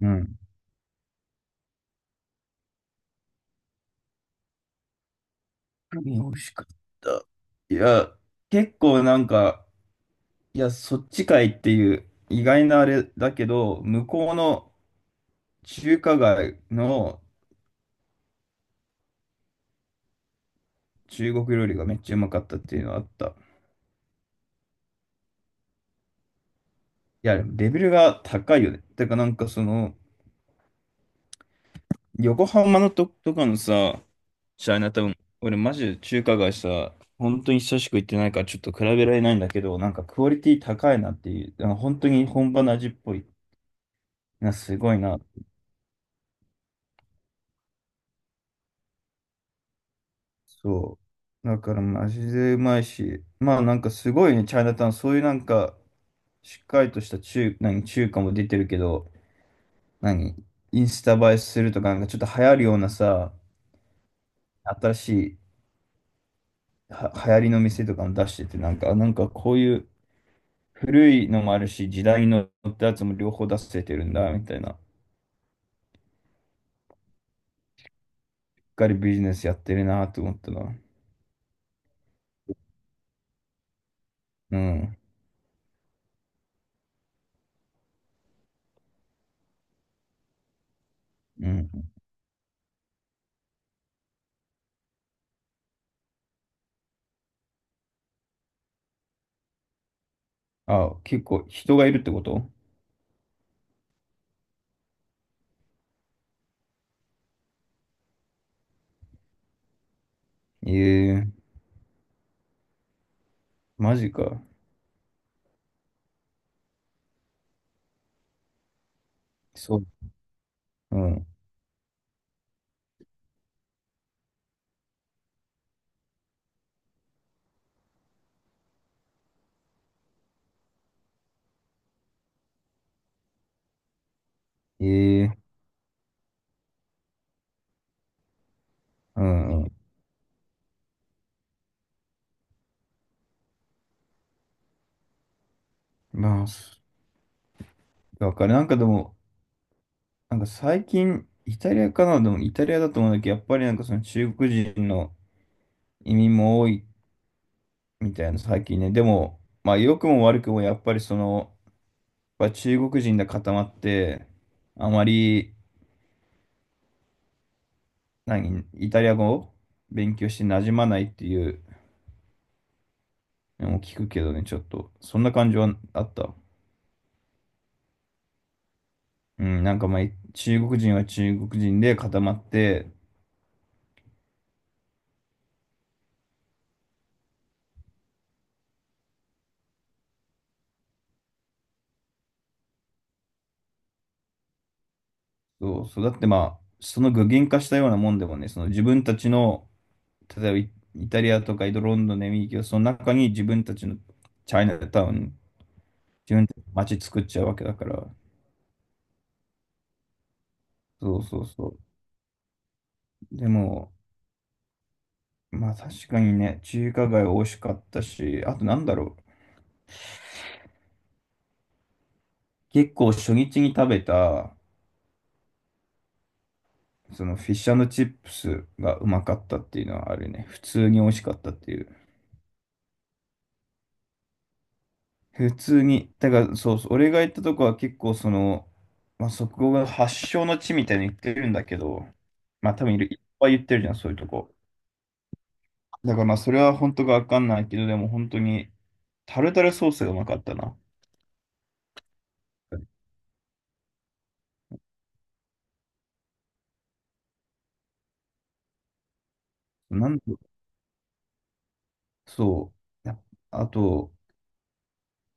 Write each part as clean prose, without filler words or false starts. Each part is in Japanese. うん。何が美味しかった？いや、結構なんか、いや、そっちかいっていう意外なあれだけど、向こうの中華街の中国料理がめっちゃうまかったっていうのはあった。いや、でもレベルが高いよね。てかなんかその、横浜のとかのさ、チャイナタウン、俺マジで中華街さ、本当に久しく行ってないからちょっと比べられないんだけど、なんかクオリティ高いなっていう、あの本当に本場の味っぽいな、すごいな。そう。だからマジでうまいし、まあなんかすごいね、チャイナタウン、そういうなんか、しっかりとした中華も出てるけど、何、インスタ映えするとか、なんかちょっと流行るようなさ、新しいは流行りの店とかも出してて、なんか、あなんかこういう古いのもあるし、時代のってやつも両方出せてるんだ、みたいな。しっかりビジネスやってるなと思ったな。うん、うん。あ、結構人がいるってこと？ええ、マジか。そう。うん。ええ、うん。まあ、そだからなんかでも、なんか最近、イタリアかな、でもイタリアだと思うんだけど、やっぱりなんかその中国人の移民も多いみたいな最近ね。でも、まあ良くも悪くもやっぱりその、やっぱ中国人で固まって、あまり、何、イタリア語を勉強して馴染まないっていうのも聞くけどね、ちょっと。そんな感じはあった。うん、なんかまあ中国人は中国人で固まって、そうそう。だってまあ、その具現化したようなもんでもね、その自分たちの、例えばイイタリアとかイドロンドンのエミリキオその中に自分たちのチャイナタウン、自分たちの街作っちゃうわけだから。そうそうそう。でも、まあ確かにね、中華街美味しかったし、あとなんだろう。結構初日に食べた、そのフィッシュチップスがうまかったっていうのはあるね。普通に美味しかったっていう。普通に、だからそうそう、俺が行ったとこは結構その、まあ、そこが発祥の地みたいに言ってるんだけど、まあ多分いっぱい言ってるじゃん、そういうとこ。だからまあそれは本当かわかんないけど、でも本当にタルタルソースがうまかったな。なんそう。やあと、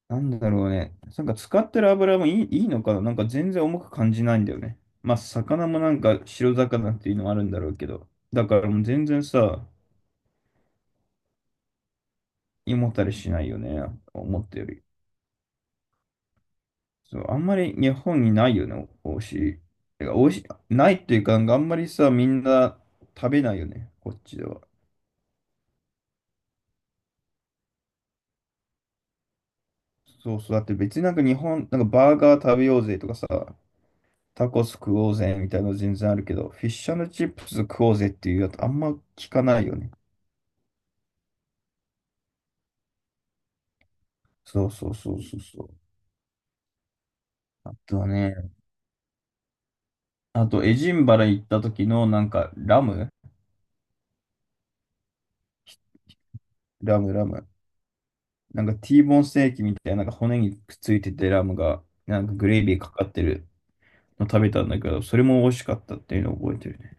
なんだろうね。なんか使ってる油もいいのかな、なんか全然重く感じないんだよね。まあ魚もなんか白魚っていうのもあるんだろうけど。だからもう全然さ、胃もたれしないよね。思ったより。そう、あんまり日本にないよね、おいしい。てか、おいしい、ないっていうか、なんかあんまりさ、みんな食べないよね、こっちでは。そうそう、だって別になんか日本、なんかバーガー食べようぜとかさ、タコス食おうぜみたいなの全然あるけど、フィッシュチップス食おうぜっていうやつあんま聞かないよね。そうそうそうそうそう。あとはね、あとエジンバラ行った時のなんかラムラムラム。なんか T ボーンステーキみたいな、なんか骨にくっついててラムが、なんかグレービーかかってるの食べたんだけど、それも美味しかったっていうのを覚えてるね。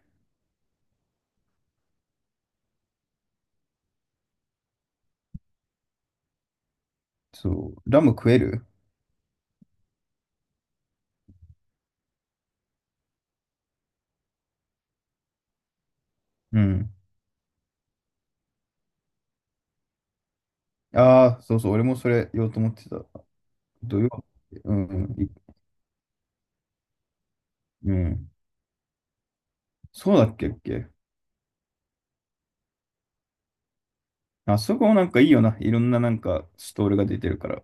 そう。ラム食える？うん。ああ、そうそう。俺もそれ言おうと思ってた。土曜日。うん。い、うん。そうだっけっけ？あそこもなんかいいよな。いろんななんかストールが出てるから。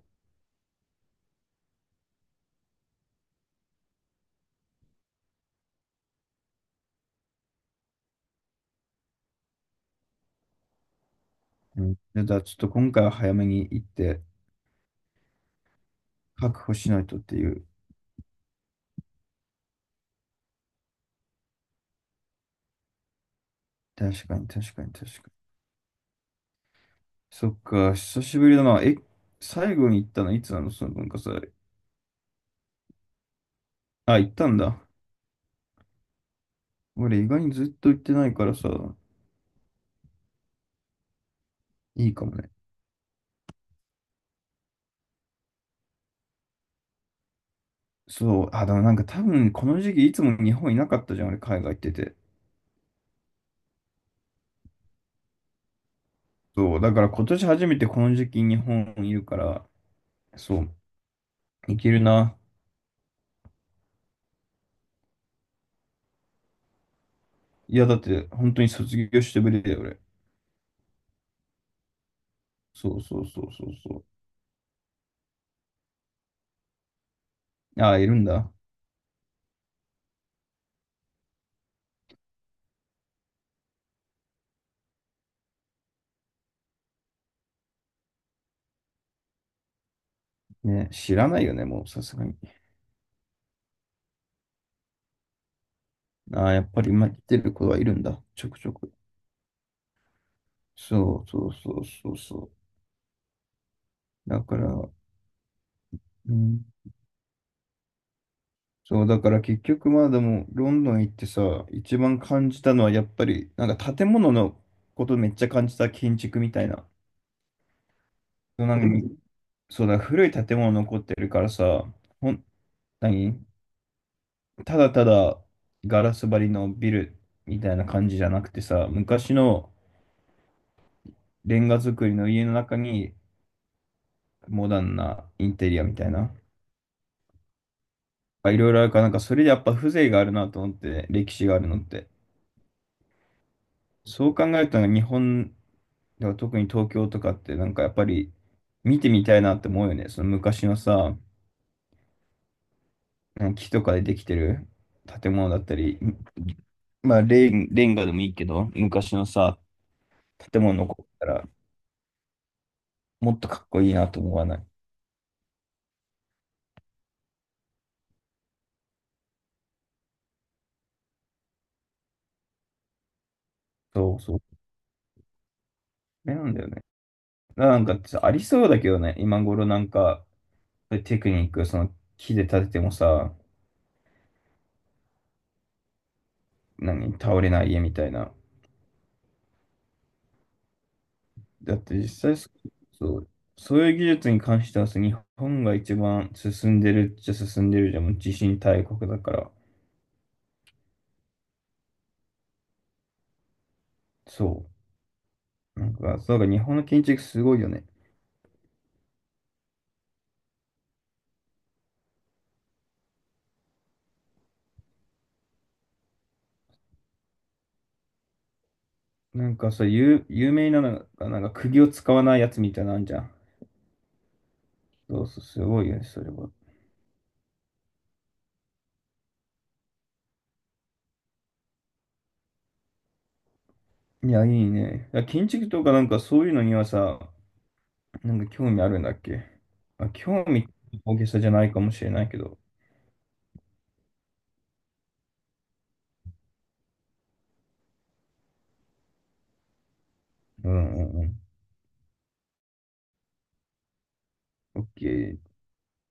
うん。じゃあちょっと今回は早めに行って確保しないとっていう。確かに確かに確かに。そっか、久しぶりだな。え、最後に行ったのいつなの、その文化祭。あ、行ったんだ。俺意外にずっと行ってないからさ、いいかもね。そう、あ、でもなんか多分この時期いつも日本いなかったじゃん、俺海外行ってて。そう、だから今年初めてこの時期日本いるから、そう、いけるな。いや、だって本当に卒業してぶりだよ、俺。そうそうそうそうそう。ああ、いるんだ。ね、知らないよね、もうさすがに。ああ、やっぱり今来てる子はいるんだ、ちょくちょく。そうそうそうそうそう。だから、うん、そう、だから結局まあでも、ロンドン行ってさ、一番感じたのはやっぱり、なんか建物のことめっちゃ感じた、建築みたいな。そう、なんかみ、うん、そうだ、古い建物残ってるからさ、ほん、何、ただただガラス張りのビルみたいな感じじゃなくてさ、昔のレンガ造りの家の中にモダンなインテリアみたいな。あ、いろいろあるから、なんかそれでやっぱ風情があるなと思って、歴史があるのって。そう考えると日本でも特に東京とかってなんかやっぱり見てみたいなって思うよね。その昔のさ、うん、木とかでできてる建物だったり、まあレンガでもいいけど、昔のさ、建物残ったらもっとかっこいいなと思わない？そうそう。それなんだよね。なんかさありそうだけどね、今頃なんか、テクニック、その木で建ててもさ、何、倒れない家みたいな。だって実際そう、そういう技術に関してはさ、日本が一番進んでるっちゃ進んでるじゃん、もう地震大国だから。そう。なんか、そうだから日本の建築すごいよね。なんかさ、有名なのが、なんか釘を使わないやつみたいなのあんじゃん。そうそう、すごいよね、それは。いや、いいね。いや、建築とかなんかそういうのにはさ、なんか興味あるんだっけ？あ、興味大げさじゃないかもしれないけど。うんうんうん。OK。